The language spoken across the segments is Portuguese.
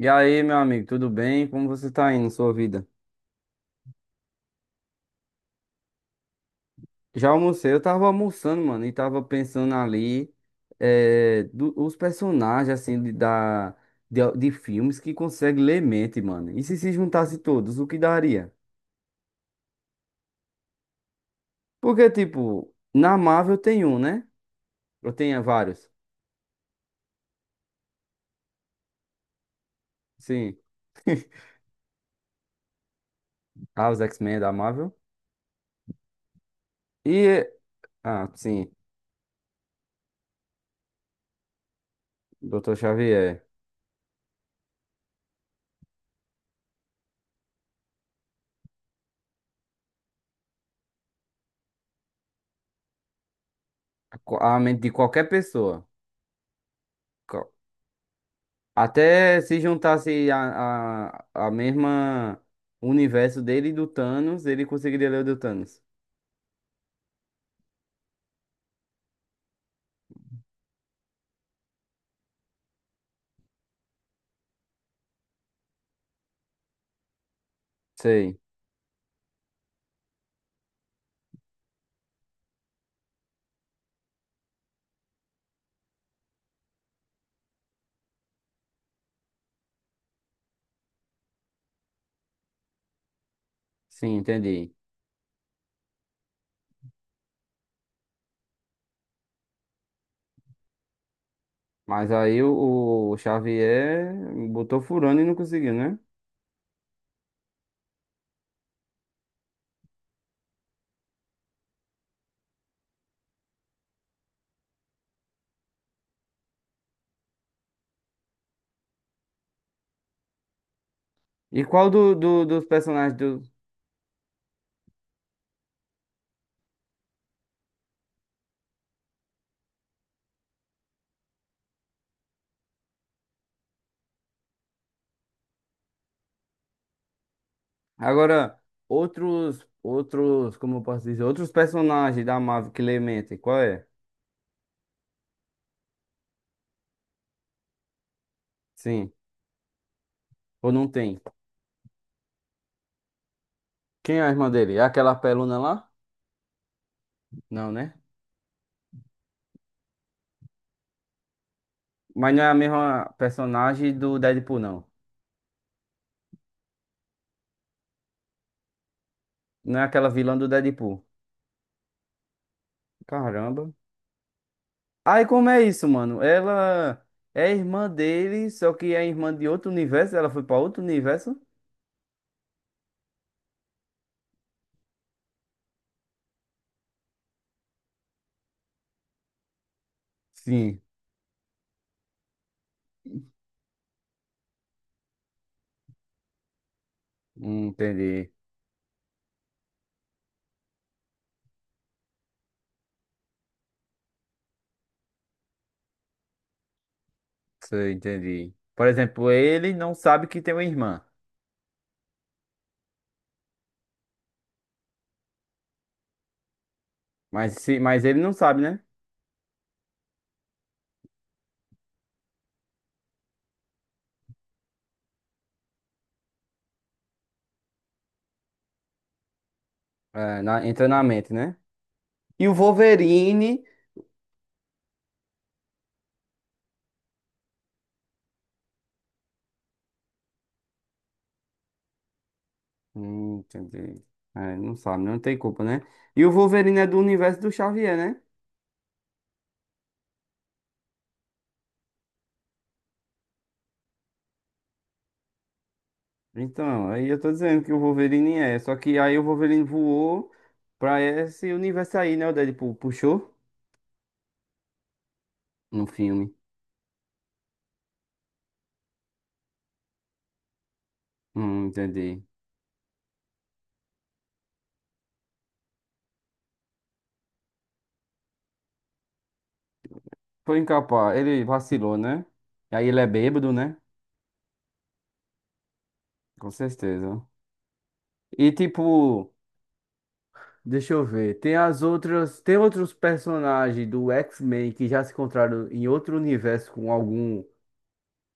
E aí, meu amigo, tudo bem? Como você tá indo, sua vida? Já almocei, eu tava almoçando, mano, e tava pensando ali os personagens, assim, de filmes que conseguem ler mente, mano. E se juntasse todos, o que daria? Porque, tipo, na Marvel tem um, né? Eu tenho vários. Sim. Ah, os X-Men da Marvel. E, ah, sim, Dr. Xavier. A mente de qualquer pessoa. Até se juntasse a mesma universo dele e do Thanos, ele conseguiria ler o do Thanos. Sei, sim, entendi. Mas aí o Xavier botou furando e não conseguiu, né? E qual dos personagens do. Agora, como eu posso dizer, outros personagens da Marvel que lê mente, qual é? Sim, ou não tem? Quem é a irmã dele? É aquela peluna lá? Não, né? Mas não é a mesma personagem do Deadpool, não. Não é aquela vilã do Deadpool. Caramba. Aí como é isso, mano? Ela é irmã dele, só que é irmã de outro universo. Ela foi pra outro universo? Sim, hum, entendi. Sei, entendi. Por exemplo, ele não sabe que tem uma irmã. Mas, se, mas ele não sabe, né? É, na, entra na mente, né? E o Wolverine. Entendi. É, não sabe, não tem culpa, né? E o Wolverine é do universo do Xavier, né? Então, aí eu tô dizendo que o Wolverine é. Só que aí o Wolverine voou pra esse universo aí, né? O Deadpool puxou no filme. Entendi. Foi incapaz. Ele vacilou, né? E aí ele é bêbado, né? Com certeza. E tipo, deixa eu ver. Tem as outras. Tem outros personagens do X-Men que já se encontraram em outro universo com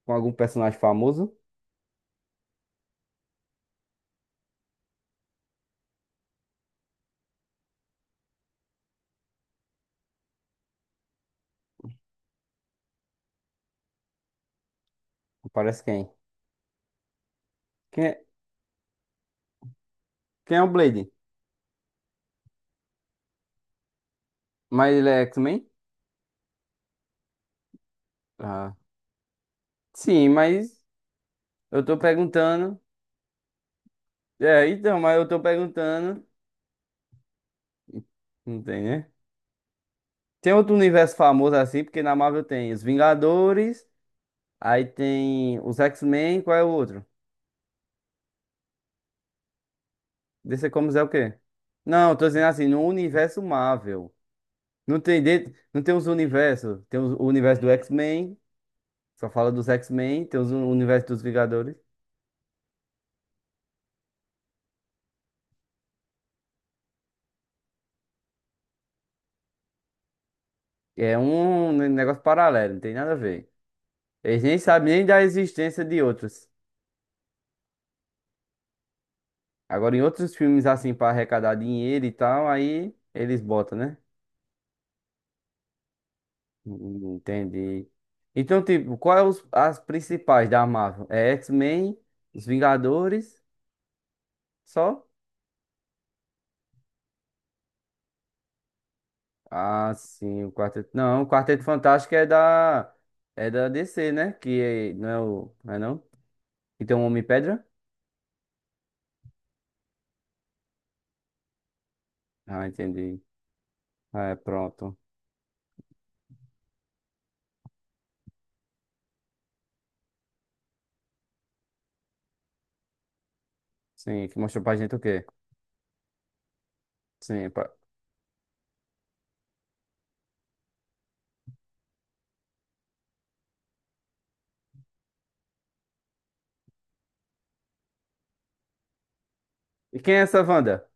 com algum personagem famoso? Parece quem? Quem é, quem é o Blade? Mas ele é X-Men? Ah. Sim, mas. Eu tô perguntando. É, então, mas eu tô perguntando. Não tem, né? Tem outro universo famoso assim, porque na Marvel tem os Vingadores, aí tem os X-Men, qual é o outro? DC Comics é o quê? Não, eu tô dizendo assim, no universo Marvel. Não tem, de... não tem os universos. Tem o universo do X-Men, só fala dos X-Men, tem os... o universo dos Vingadores. É um negócio paralelo, não tem nada a ver. Eles nem sabem nem da existência de outros. Agora, em outros filmes, assim, pra arrecadar dinheiro e tal, aí eles botam, né? Entendi. Então, tipo, as principais da Marvel? É X-Men, os Vingadores, só? Ah, sim, o Quarteto. Não, o Quarteto Fantástico é da. É da DC, né? Não é o. Não é não? E tem um Homem-Pedra? Ah, entendi. Ah, é, pronto. Sim, que mostrou pra gente o quê? Sim, pra- E quem é essa Wanda?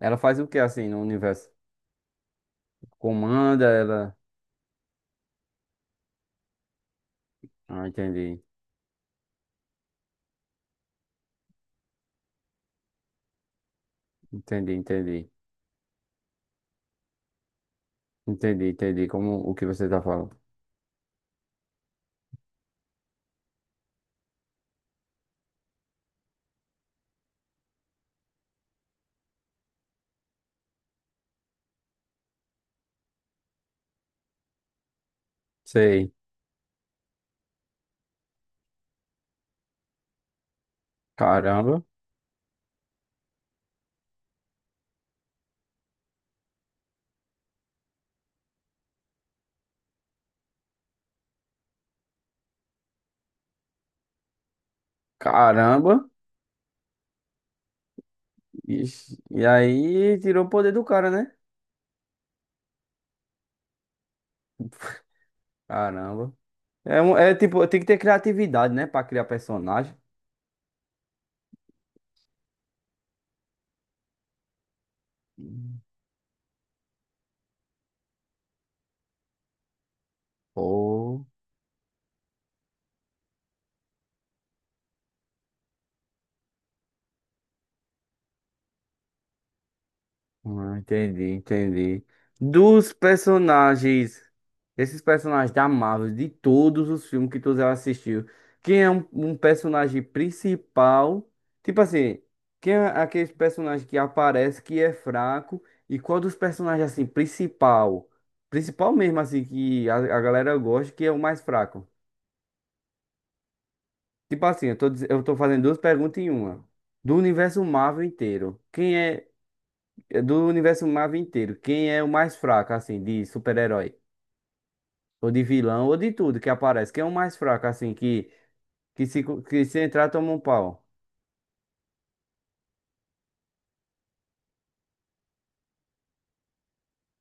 Ela faz o que assim no universo? Comanda ela. Ah, entendi. Entendi, entendi. Entendi, entendi como o que você tá falando. Sei. Caramba. Caramba. Ixi, e aí tirou o poder do cara, né? Caramba. É, é tipo, tem que ter criatividade, né? Pra criar personagem. Hum. Pô. Ah, entendi, entendi. Dos personagens, esses personagens da Marvel, de todos os filmes que tu já assistiu, quem é um personagem principal? Tipo assim, quem é aquele personagem que aparece que é fraco? E qual dos personagens assim principal? Principal mesmo assim que a galera gosta, que é o mais fraco? Tipo assim, eu tô fazendo duas perguntas em uma. Do universo Marvel inteiro, quem é Do universo Marvel inteiro, quem é o mais fraco, assim, de super-herói? Ou de vilão, ou de tudo que aparece. Quem é o mais fraco, assim, que se entrar toma um pau?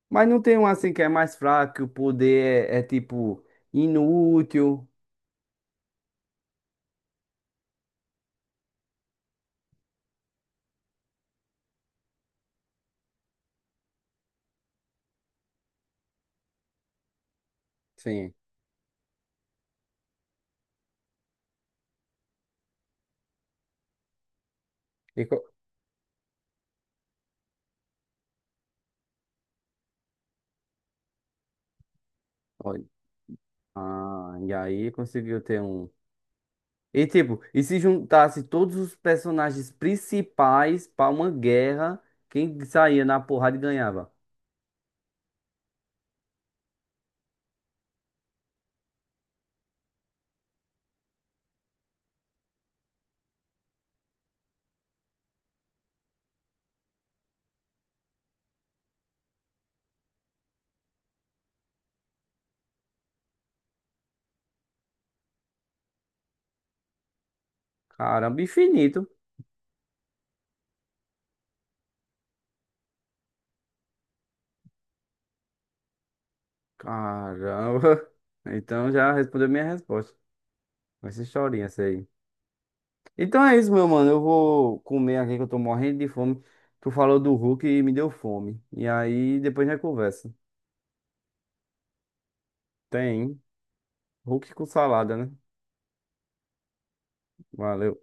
Mas não tem um, assim, que é mais fraco, que o poder tipo, inútil. Sim. E co- Olha. Ah, e aí conseguiu ter um. E tipo, e se juntasse todos os personagens principais pra uma guerra, quem saía na porrada ganhava. Caramba, infinito. Caramba. Então já respondeu minha resposta. Vai ser chorinha essa aí. Então é isso, meu mano. Eu vou comer aqui que eu tô morrendo de fome. Tu falou do Hulk e me deu fome. E aí depois a gente conversa. Tem. Hulk com salada, né? Valeu.